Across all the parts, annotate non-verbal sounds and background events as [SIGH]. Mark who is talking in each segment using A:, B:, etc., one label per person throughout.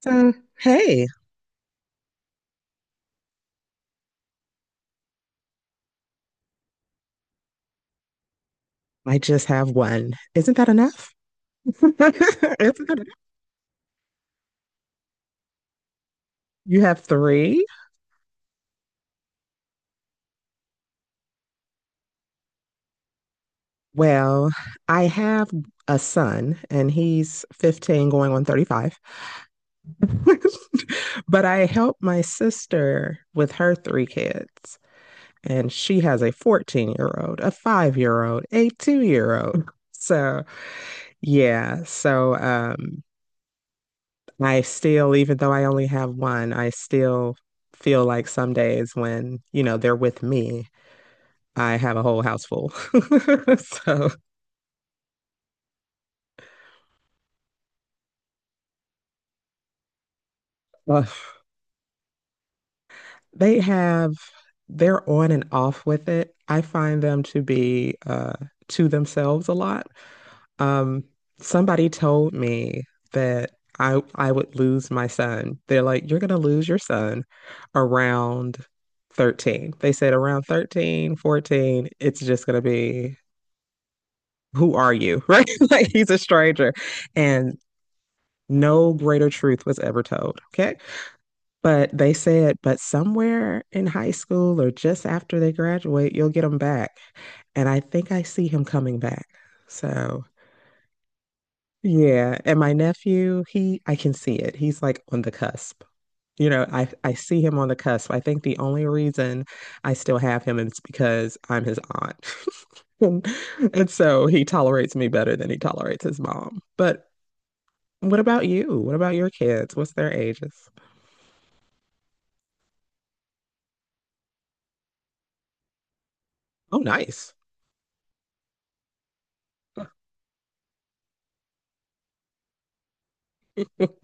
A: So, hey, I just have one. Isn't that enough? [LAUGHS] Isn't that enough? You have three? Well, I have a son and he's 15 going on 35. [LAUGHS] But I help my sister with her three kids, and she has a 14-year-old, a 5 year old, a 2 year old. So, yeah. So, I still, even though I only have one, I still feel like some days when, you know, they're with me, I have a whole house full. [LAUGHS] So, uh, they have, they're on and off with it. I find them to be to themselves a lot. Um, Somebody told me that I would lose my son. They're like, you're gonna lose your son around 13. They said around 13, 14. It's just gonna be who are you? Right? [LAUGHS] Like he's a stranger. And no greater truth was ever told. Okay. But they said, but somewhere in high school or just after they graduate, you'll get him back. And I think I see him coming back. So, yeah. And my nephew, he, I can see it. He's like on the cusp. I see him on the cusp. I think the only reason I still have him is because I'm his aunt. [LAUGHS] And so he tolerates me better than he tolerates his mom. But what about you? What about your kids? What's their ages? Oh, nice.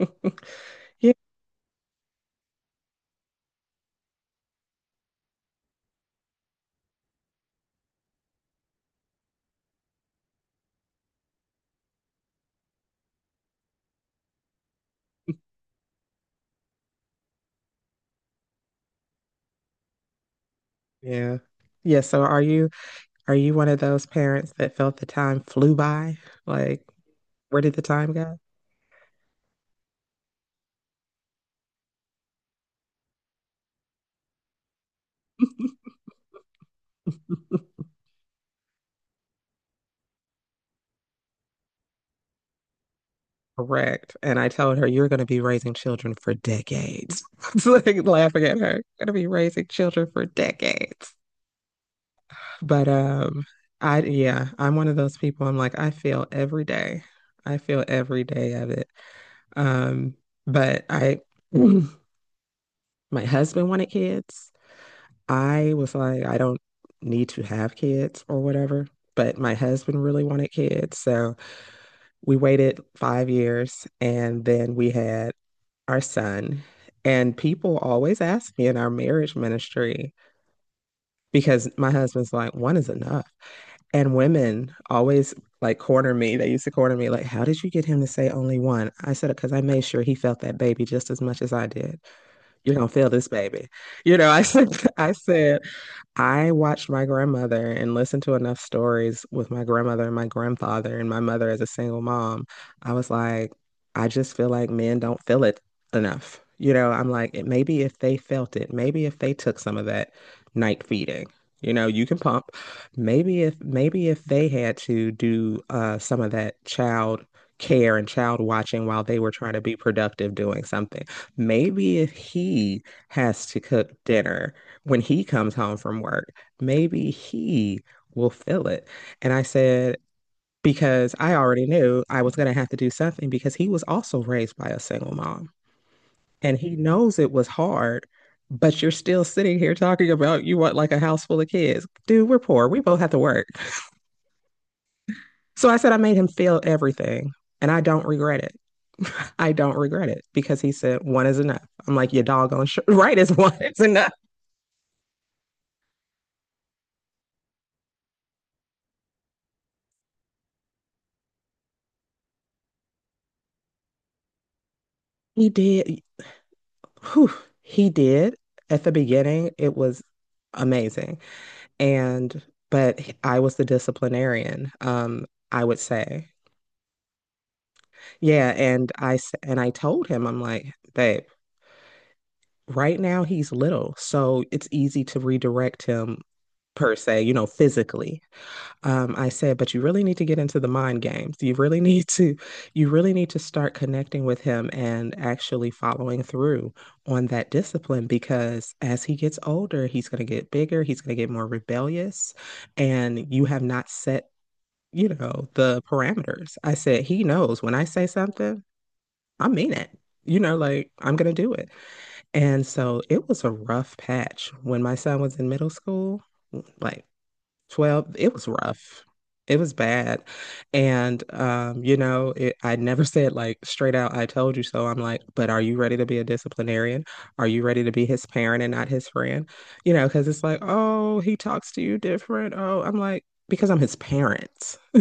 A: [LAUGHS] Yeah. Yeah. Yeah. So are you, are you one of those parents that felt the time flew by? Like, where did the time go? [LAUGHS] Correct. And I told her, you're going to be raising children for decades. [LAUGHS] It's like laughing at her. Going to be raising children for decades. But I yeah, I'm one of those people. I'm like, I feel every day. I feel every day of it. Um, but I, [CLEARS THROAT] my husband wanted kids. I was like, I don't need to have kids or whatever. But my husband really wanted kids, so we waited 5 years, and then we had our son. And people always ask me in our marriage ministry because my husband's like, one is enough. And women always like corner me. They used to corner me like, "How did you get him to say only one?" I said it because I made sure he felt that baby just as much as I did. You're gonna feel this baby, you know. I said, [LAUGHS] I said, I watched my grandmother and listened to enough stories with my grandmother and my grandfather and my mother as a single mom. I was like, I just feel like men don't feel it enough. You know, I'm like, it, maybe if they felt it, maybe if they took some of that night feeding, you know, you can pump. Maybe if they had to do some of that child care and child watching while they were trying to be productive doing something. Maybe if he has to cook dinner when he comes home from work, maybe he will feel it. And I said, because I already knew I was going to have to do something because he was also raised by a single mom and he knows it was hard, but you're still sitting here talking about you want like a house full of kids. Dude, we're poor. We both have to work. So I said, I made him feel everything and I don't regret it. [LAUGHS] I don't regret it because he said one is enough. I'm like, your doggone sh- [LAUGHS] right is one is enough. He did. Whew, he did. At the beginning, it was amazing. And but he- I was the disciplinarian, I would say. Yeah, and I s- and I told him, I'm like, babe, right now he's little, so it's easy to redirect him per se, you know, physically. I said, but you really need to get into the mind games. You really [LAUGHS] need to, you really need to start connecting with him and actually following through on that discipline because as he gets older, he's going to get bigger, he's going to get more rebellious, and you have not set, you know, the parameters. I said, he knows when I say something, I mean it. You know, like I'm going to do it. And so it was a rough patch when my son was in middle school. Like 12 it was rough, it was bad, and you know it, I never [LAUGHS] said like straight out I told you so. I'm like, but are you ready to be a disciplinarian, are you ready to be his parent and not his friend, you know, because it's like oh he talks to you different. Oh, I'm like because I'm his parent. [LAUGHS]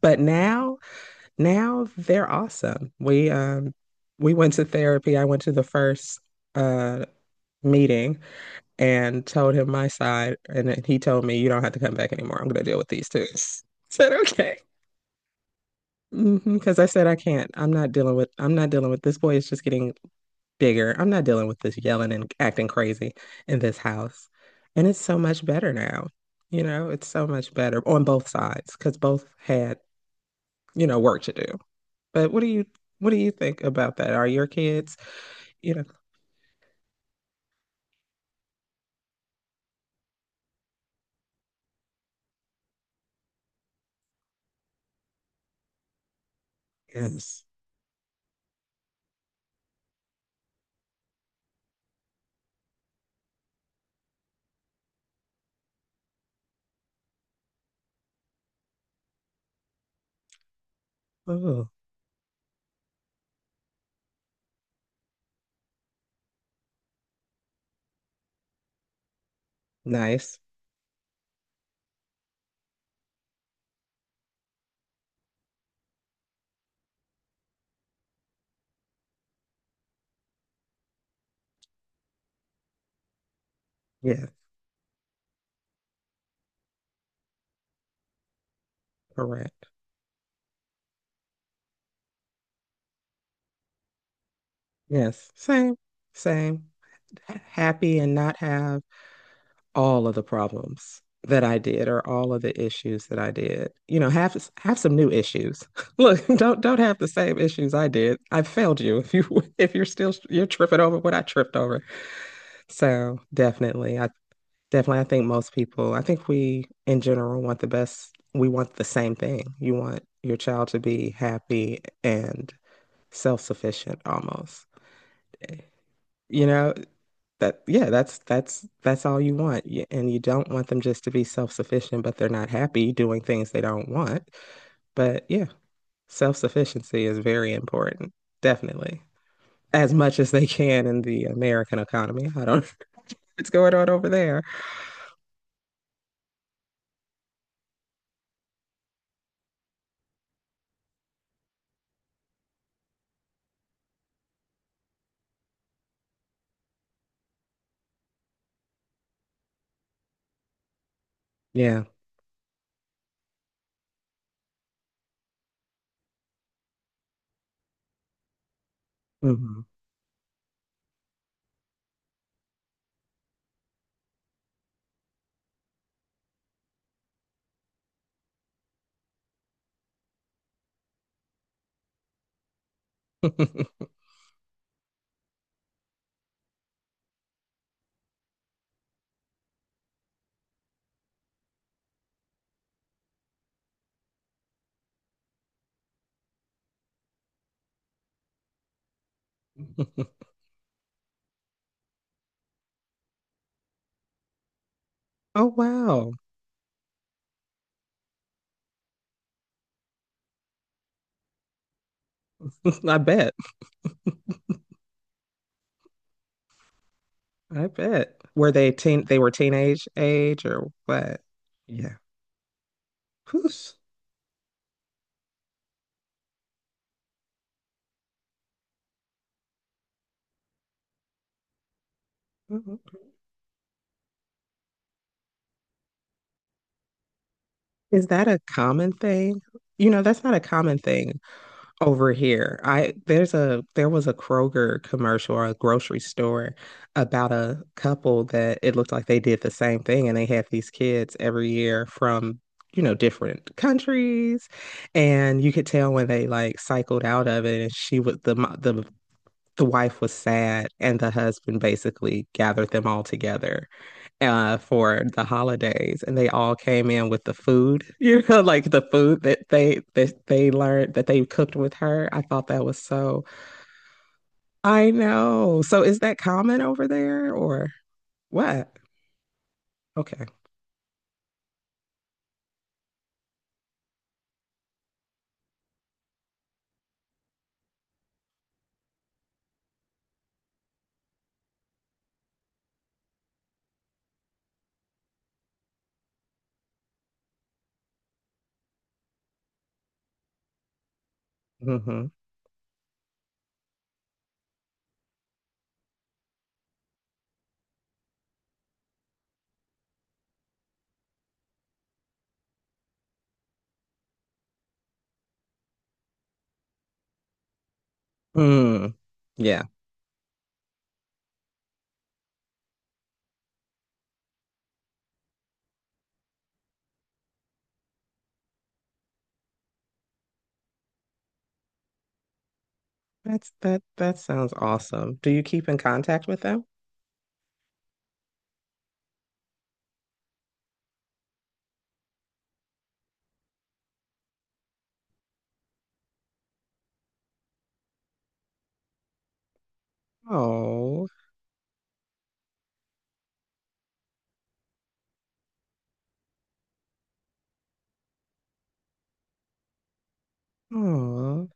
A: But now, now they're awesome. We we went to therapy. I went to the first uh meeting and told him my side. And then he told me, you don't have to come back anymore. I'm going to deal with these two. [LAUGHS] I said, okay. Because I said, I can't. I'm not dealing with this boy. Is just getting bigger. I'm not dealing with this yelling and acting crazy in this house. And it's so much better now. You know, it's so much better on both sides because both had, you know, work to do. But what do you think about that? Are your kids, you know, yes. Oh, nice. Yes, correct. Yes, same, same. H- Happy and not have all of the problems that I did or all of the issues that I did. You know, have some new issues. [LAUGHS] Look, don't have the same issues I did. I failed you if you [LAUGHS] if you're tripping over what I tripped over. So definitely I think most people, I think we in general want the best. We want the same thing. You want your child to be happy and self-sufficient almost. You know, that yeah, that's all you want. Y- And you don't want them just to be self-sufficient, but they're not happy doing things they don't want. But yeah, self-sufficiency is very important. Definitely. As much as they can in the American economy. I don't [LAUGHS] know what's going on over there. Yeah. Hmm. [LAUGHS] [LAUGHS] Oh wow. [LAUGHS] I bet. I bet. Were they were teenage age or what? Yeah. Who's, is that a common thing? You know, that's not a common thing over here. I there's a there was a Kroger commercial or a grocery store about a couple that it looked like they did the same thing and they had these kids every year from, you know, different countries. And you could tell when they like cycled out of it and she was the mo- the wife was sad, and the husband basically gathered them all together for the holidays, and they all came in with the food, [LAUGHS] you know, like the food that they learned that they cooked with her. I thought that was so. I know. So is that common over there, or what? Okay. Hmm. Mm. Yeah. That's that. That sounds awesome. Do you keep in contact with them? Oh. Oh.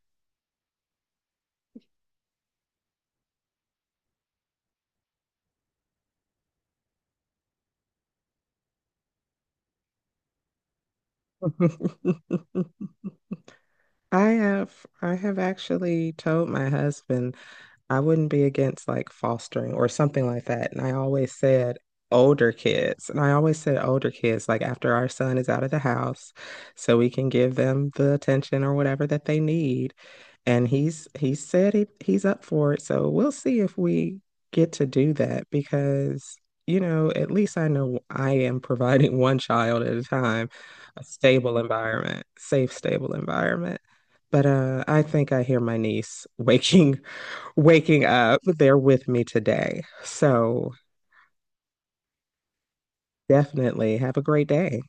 A: [LAUGHS] I have actually told my husband, I wouldn't be against like fostering or something like that. And I always said older kids. And I always said older kids, like after our son is out of the house, so we can give them the attention or whatever that they need. And he said he's up for it. So we'll see if we get to do that because, you know, at least I know I am providing [LAUGHS] one child at a time a stable environment, safe, stable environment. But I think I hear my niece [LAUGHS] waking up. They're with me today. So definitely have a great day.